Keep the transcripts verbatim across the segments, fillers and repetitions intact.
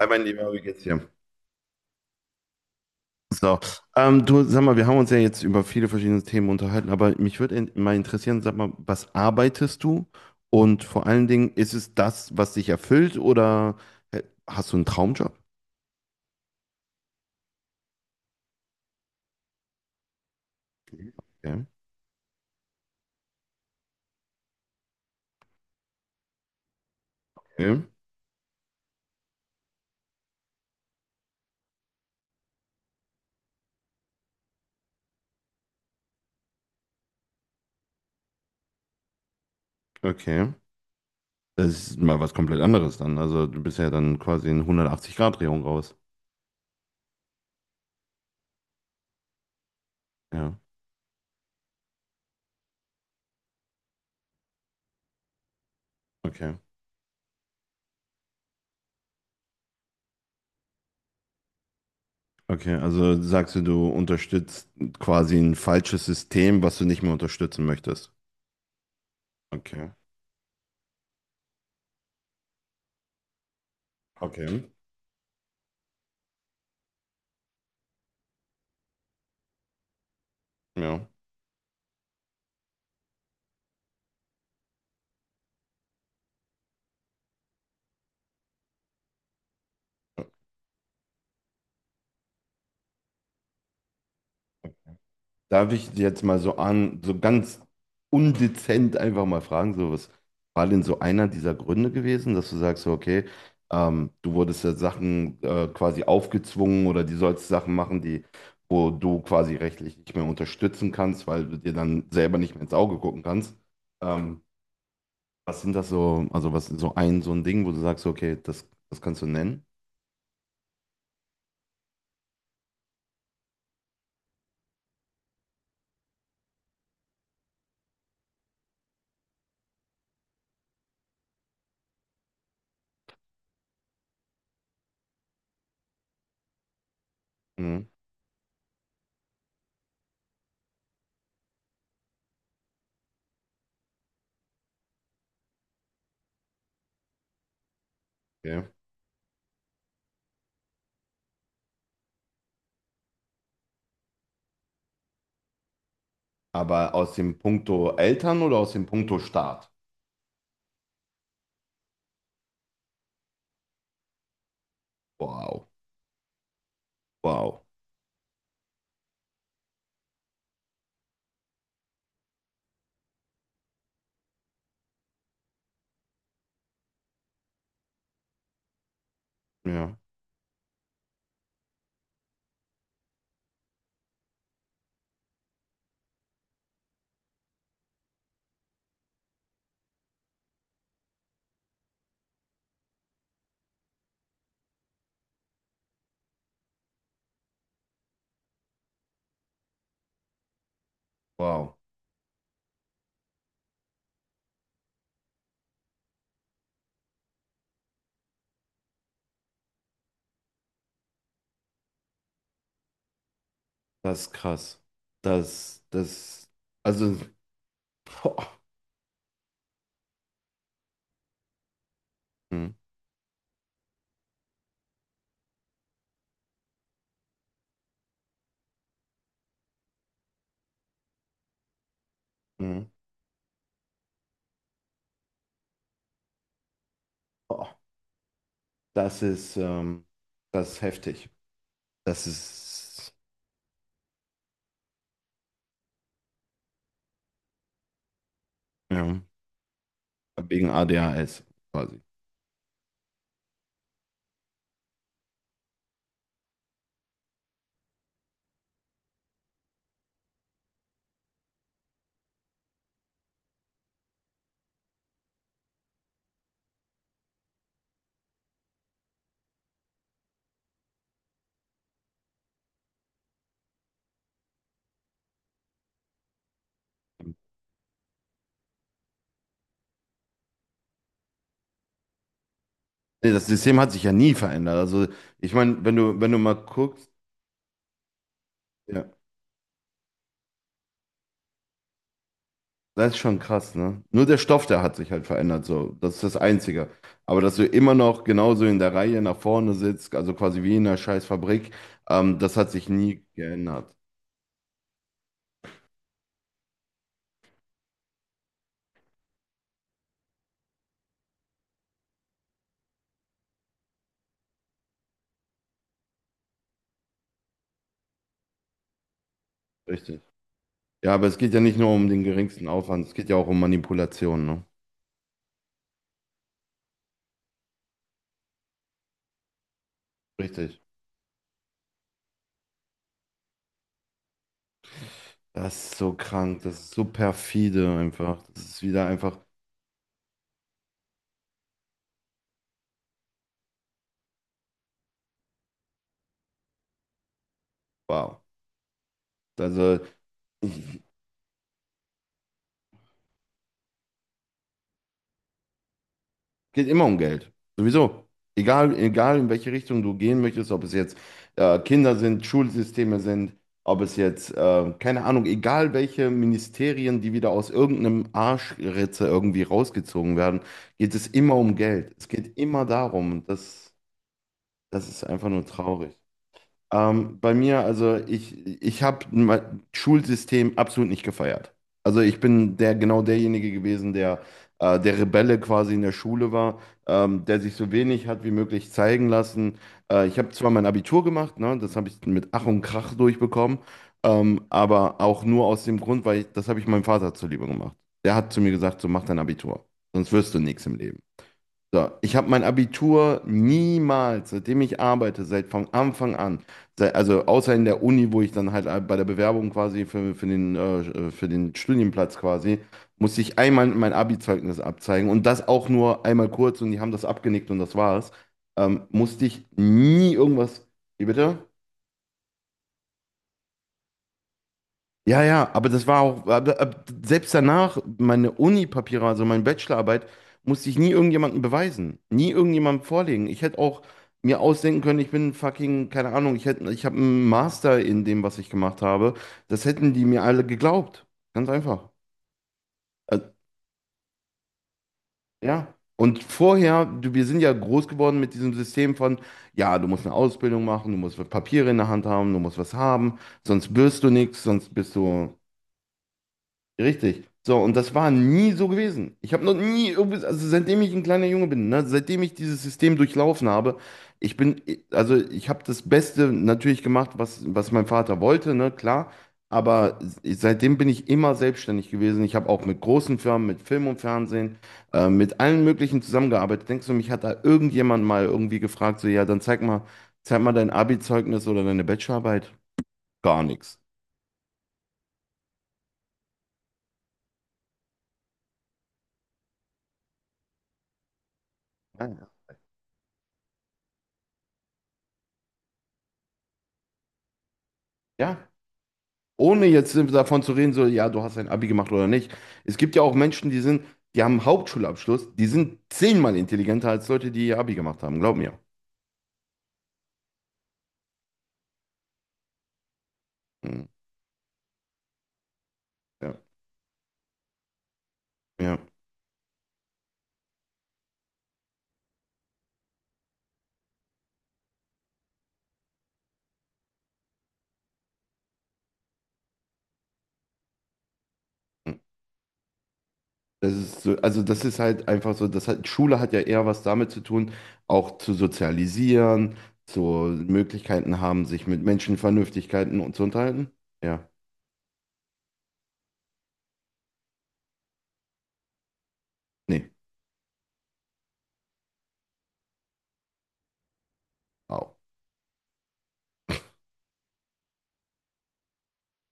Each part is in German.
Hi, mein Lieber, wie geht's dir? So, ähm, du, sag mal, wir haben uns ja jetzt über viele verschiedene Themen unterhalten, aber mich würde in, mal interessieren, sag mal, was arbeitest du? Und vor allen Dingen, ist es das, was dich erfüllt oder äh, hast du einen Traumjob? Okay, okay, okay. Das ist mal was komplett anderes dann. Also, du bist ja dann quasi in hundertachtzig-Grad-Drehung raus. Ja, okay. Okay, also sagst du, du unterstützt quasi ein falsches System, was du nicht mehr unterstützen möchtest. Okay, okay, ja. Darf ich jetzt mal so an, so ganz undezent einfach mal fragen, so was war denn so einer dieser Gründe gewesen, dass du sagst, so, okay, ähm, du wurdest ja Sachen äh, quasi aufgezwungen oder die sollst Sachen machen, die, wo du quasi rechtlich nicht mehr unterstützen kannst, weil du dir dann selber nicht mehr ins Auge gucken kannst. Ähm, was sind das so, also was ist so ein, so ein Ding, wo du sagst, so, okay, das, das kannst du nennen? Mhm, okay. Aber aus dem Punkto Eltern oder aus dem Punkto Staat? Wow, wow. Ja. Wow, das ist krass. Das, das, also, boah, hm, hm, boah, das ist, ähm, das ist heftig. Das ist, ja, wegen A D H S quasi. Nee, das System hat sich ja nie verändert. Also, ich meine, wenn du, wenn du mal guckst, ja, das ist schon krass, ne? Nur der Stoff, der hat sich halt verändert, so. Das ist das Einzige. Aber dass du immer noch genauso in der Reihe nach vorne sitzt, also quasi wie in einer scheiß Fabrik, ähm, das hat sich nie geändert. Richtig. Ja, aber es geht ja nicht nur um den geringsten Aufwand, es geht ja auch um Manipulation, ne? Richtig. Das ist so krank, das ist so perfide einfach. Das ist wieder einfach, wow. Also, geht immer um Geld. Sowieso. Egal, egal in welche Richtung du gehen möchtest, ob es jetzt äh, Kinder sind, Schulsysteme sind, ob es jetzt, äh, keine Ahnung, egal welche Ministerien, die wieder aus irgendeinem Arschritze irgendwie rausgezogen werden, geht es immer um Geld. Es geht immer darum. Und Das, das ist einfach nur traurig. Ähm, bei mir, also ich, ich habe mein Schulsystem absolut nicht gefeiert. Also ich bin der genau derjenige gewesen, der äh, der Rebelle quasi in der Schule war, ähm, der sich so wenig hat wie möglich zeigen lassen. Äh, ich habe zwar mein Abitur gemacht, ne, das habe ich mit Ach und Krach durchbekommen, ähm, aber auch nur aus dem Grund, weil ich, das habe ich meinem Vater zuliebe gemacht. Der hat zu mir gesagt, so mach dein Abitur, sonst wirst du nichts im Leben. So, ich habe mein Abitur niemals, seitdem ich arbeite, seit von Anfang an, seit, also außer in der Uni, wo ich dann halt bei der Bewerbung quasi für, für den, äh, für den Studienplatz quasi, musste ich einmal mein Abi-Zeugnis abzeigen und das auch nur einmal kurz und die haben das abgenickt und das war's. Ähm, musste ich nie irgendwas. Wie bitte? Ja, ja, aber das war auch, aber- aber selbst danach, meine Uni-Papiere, also meine Bachelorarbeit, musste ich nie irgendjemandem beweisen, nie irgendjemandem vorlegen. Ich hätte auch mir ausdenken können, ich bin fucking, keine Ahnung, ich hätte, ich habe einen Master in dem, was ich gemacht habe. Das hätten die mir alle geglaubt. Ganz einfach. Äh, ja. Und vorher, du, wir sind ja groß geworden mit diesem System von, ja, du musst eine Ausbildung machen, du musst Papiere in der Hand haben, du musst was haben, sonst wirst du nichts, sonst bist du. Richtig. So, und das war nie so gewesen. Ich habe noch nie, irgendwie- also seitdem ich ein kleiner Junge bin, ne, seitdem ich dieses System durchlaufen habe, ich bin, also ich habe das Beste natürlich gemacht, was, was mein Vater wollte, ne, klar. Aber seitdem bin ich immer selbstständig gewesen. Ich habe auch mit großen Firmen, mit Film und Fernsehen, äh, mit allen möglichen zusammengearbeitet. Denkst du, mich hat da irgendjemand mal irgendwie gefragt, so, ja, dann zeig mal, zeig mal dein Abi-Zeugnis oder deine Bachelorarbeit? Gar nichts. Ah, ja. Ja. ohne jetzt davon zu reden, so, ja, du hast ein Abi gemacht oder nicht. Es gibt ja auch Menschen, die sind, die haben einen Hauptschulabschluss, die sind zehnmal intelligenter als Leute, die ihr Abi gemacht haben, glaub mir. Mhm. Ja, ja. Mhm. Das ist so, also das ist halt einfach so, das hat, Schule hat ja eher was damit zu tun, auch zu sozialisieren, zu Möglichkeiten haben, sich mit Menschen Vernünftigkeiten und zu unterhalten. Ja, nee. Au.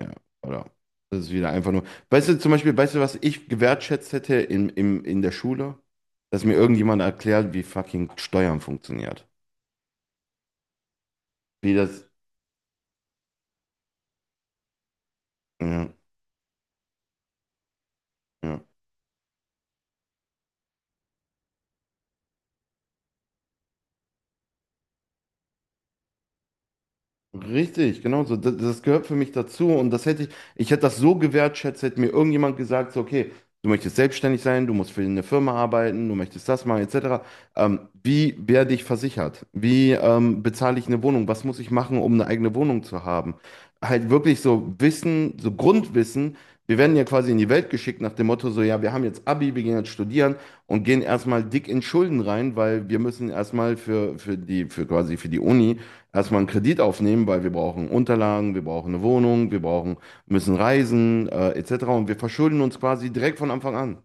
Ja, oder? Das ist wieder einfach nur. Weißt du, zum Beispiel, weißt du, was ich gewertschätzt hätte in, im, in der Schule? Dass mir irgendjemand erklärt, wie fucking Steuern funktioniert. Wie das. Ja, ja. Richtig, genau so. Das, das gehört für mich dazu und das hätte ich, ich hätte das so gewertschätzt, hätte mir irgendjemand gesagt, so, okay, du möchtest selbstständig sein, du musst für eine Firma arbeiten, du möchtest das machen, et cetera. Ähm, wie werde ich versichert? Wie ähm, bezahle ich eine Wohnung? Was muss ich machen, um eine eigene Wohnung zu haben? Halt wirklich so Wissen, so Grundwissen. Wir werden ja quasi in die Welt geschickt nach dem Motto, so, ja, wir haben jetzt Abi, wir gehen jetzt studieren und gehen erstmal dick in Schulden rein, weil wir müssen erstmal für, für die, für quasi für die Uni erstmal einen Kredit aufnehmen, weil wir brauchen Unterlagen, wir brauchen eine Wohnung, wir brauchen, müssen reisen, äh, et cetera. Und wir verschulden uns quasi direkt von Anfang an.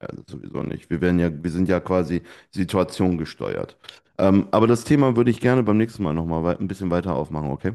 Ja, das sowieso nicht. Wir werden ja, wir sind ja quasi situationgesteuert. Ähm, aber das Thema würde ich gerne beim nächsten Mal nochmal ein bisschen weiter aufmachen, okay?